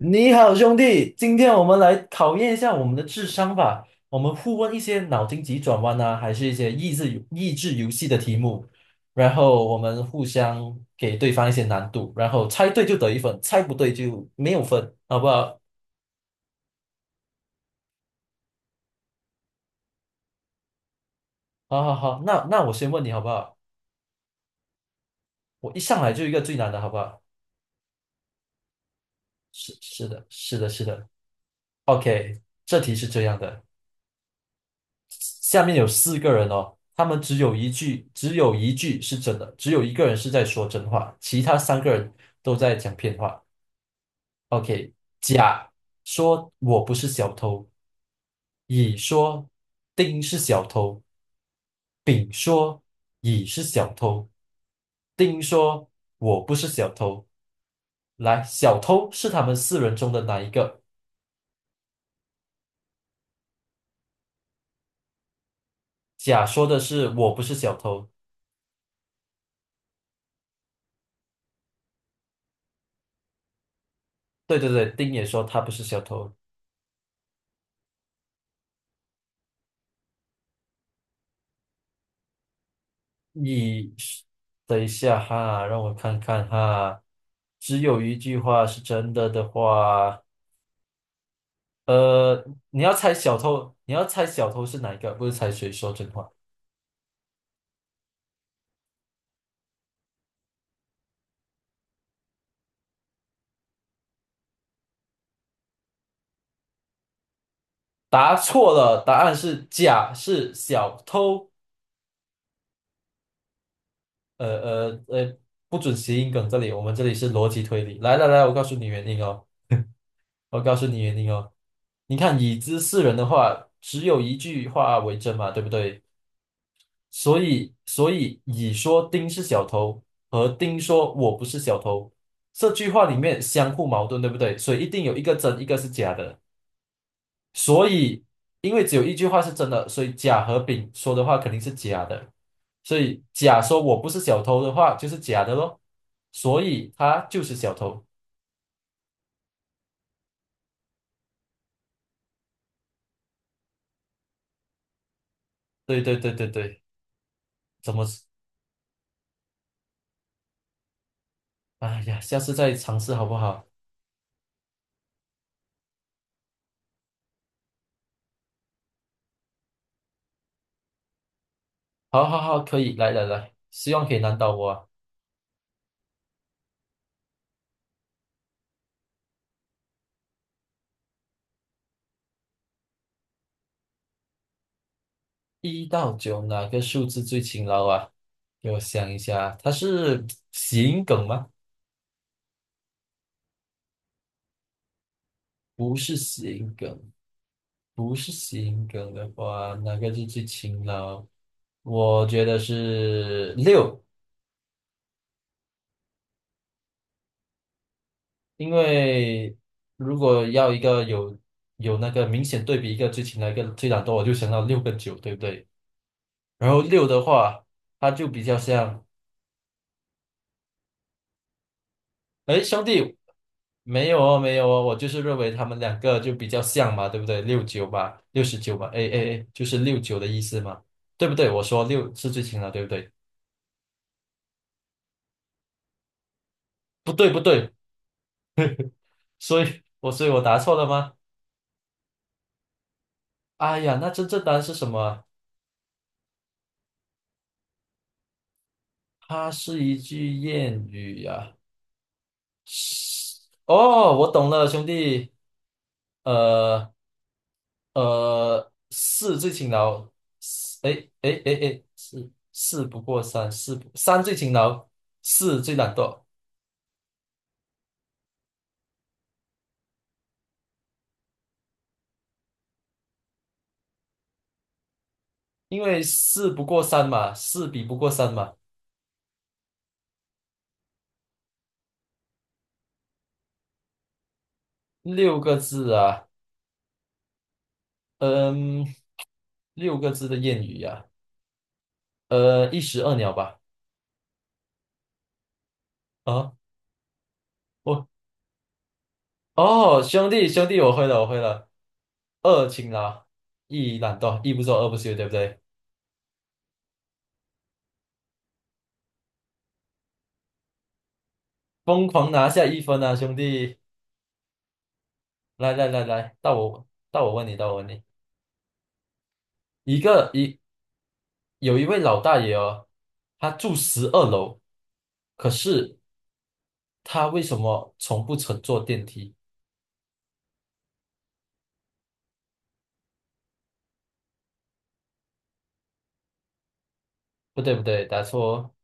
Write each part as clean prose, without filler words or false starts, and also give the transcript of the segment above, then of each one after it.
你好，兄弟，今天我们来考验一下我们的智商吧。我们互问一些脑筋急转弯啊，还是一些益智游戏的题目，然后我们互相给对方一些难度，然后猜对就得一分，猜不对就没有分，好不好？好好好，那我先问你好不好？我一上来就一个最难的，好不好？是是的，是的，是的。OK，这题是这样的。下面有四个人哦，他们只有一句，只有一句是真的，只有一个人是在说真话，其他三个人都在讲骗话。OK，甲说我不是小偷，乙说丁是小偷，丙说乙是小偷，丁说我不是小偷。来，小偷是他们四人中的哪一个？甲说的是我不是小偷，对对对，丁也说他不是小偷。你等一下哈，让我看看哈。只有一句话是真的的话，你要猜小偷，你要猜小偷是哪一个，不是猜谁说真话。答错了，答案是甲，是小偷。呃呃呃，不准谐音梗，这里是逻辑推理。来来来，我告诉你原因哦，我告诉你原因哦。你看，已知四人的话，只有一句话为真嘛，对不对？所以乙说丁是小偷，和丁说我不是小偷，这句话里面相互矛盾，对不对？所以一定有一个真，一个是假的。所以，因为只有一句话是真的，所以甲和丙说的话肯定是假的。所以甲说我不是小偷的话就是假的咯，所以他就是小偷。对对对对对，怎么？哎呀，下次再尝试好不好？好好好，可以，来来来，希望可以难倒我啊。1到9哪个数字最勤劳啊？给我想一下，它是谐音梗吗？不是谐音梗，不是谐音梗的话，哪个是最勤劳？我觉得是六，因为如果要一个有那个明显对比，一个最勤劳，一个最懒惰，我就想到六个九，对不对？然后六的话，它就比较像。哎，兄弟，没有哦，没有哦，我就是认为他们两个就比较像嘛，对不对？六九吧，六十九吧，哎哎哎，就是六九的意思嘛，对不对？我说六是最轻的，对不对？不对不对，所以我答错了吗？哎呀，那真正答案是什么啊？它是一句谚语呀，是哦，我懂了，兄弟，呃，四最勤劳，四哎哎哎哎，四不过三，四不三最勤劳，四最懒惰，因为四不过三嘛，四比不过三嘛。六个字啊，嗯，六个字的谚语呀，一石二鸟吧。啊，我哦，兄弟兄弟，我会了我会了，二勤劳，一懒惰，一不做二不休，对不对？疯狂拿下一分啊，兄弟，来来来来，到我问你，到我问你。一个一有一位老大爷哦，他住十二楼，可是他为什么从不乘坐电梯？不对不对，答错哦，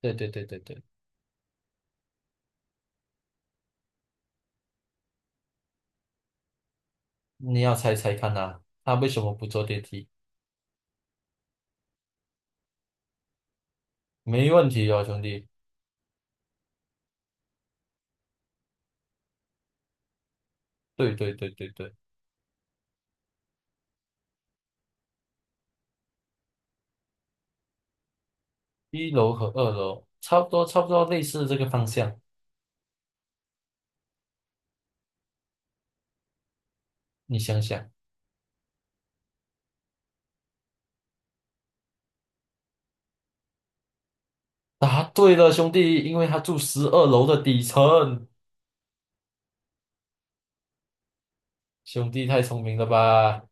对对对对对，你要猜猜看呐，他为什么不坐电梯？没问题哦，兄弟，对对对对对，一楼和二楼差不多，差不多类似这个方向，你想想，答对了，兄弟，因为他住十二楼的底层，兄弟太聪明了吧？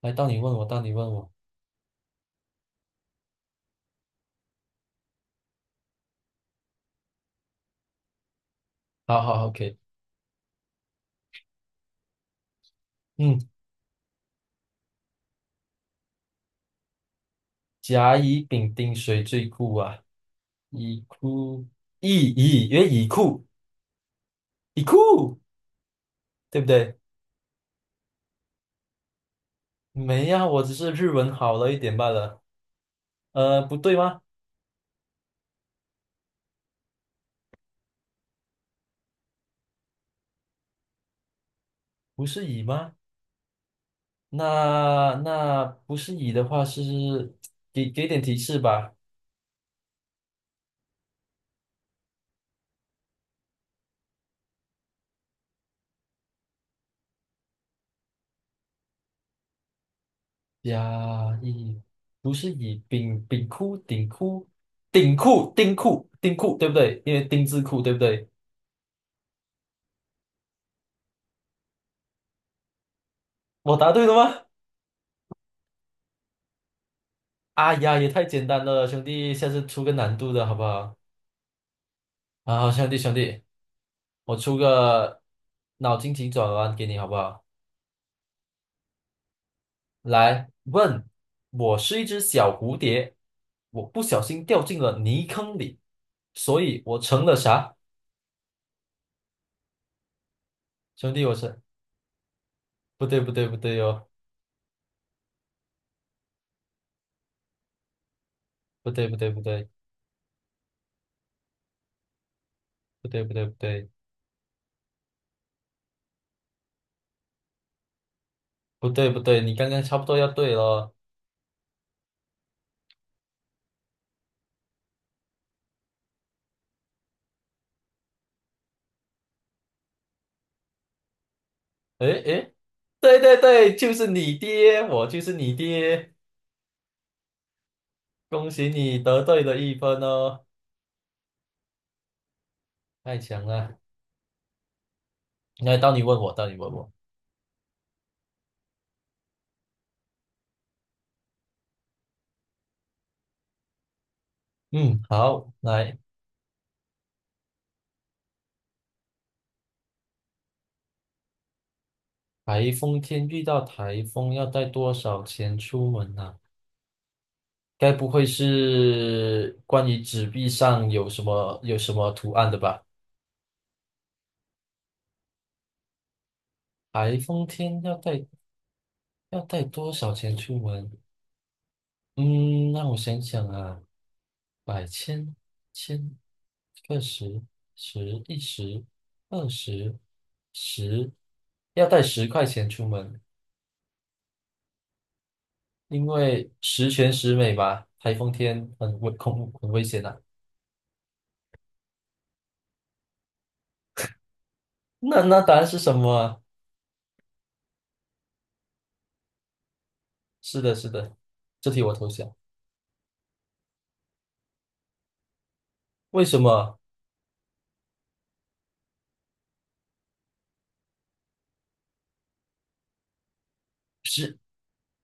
来，到你问我，到你问我，好好，OK。嗯，甲乙丙丁谁最酷啊？乙酷乙乙，因为乙酷乙酷，对不对？没呀，我只是日文好了一点罢了。不对吗？不是乙吗？那不是乙的话是给点提示吧。甲乙不是乙，丙酷丁酷丁酷丁酷丁酷，对不对？因为丁字裤，对不对？我答对了吗？哎呀，也太简单了，兄弟，下次出个难度的好不好？啊，兄弟兄弟，我出个脑筋急转弯给你好不好？来问，我是一只小蝴蝶，我不小心掉进了泥坑里，所以我成了啥？兄弟，不对不对不对哟，不对不对不对不对不对不对不对不对，你刚刚差不多要对了。诶诶，对对对，就是你爹，我就是你爹，恭喜你得对了一分哦，太强了。来，到你问我，到你问我。嗯，好，来。台风天遇到台风要带多少钱出门呢，该不会是关于纸币上有什么图案的吧？台风天要带多少钱出门？嗯，让我想想啊，百千千个十十一十二十十，要带10块钱出门，因为十全十美吧。台风天很危险啊。那答案是什么啊？是的，是的，这题我投降。为什么是？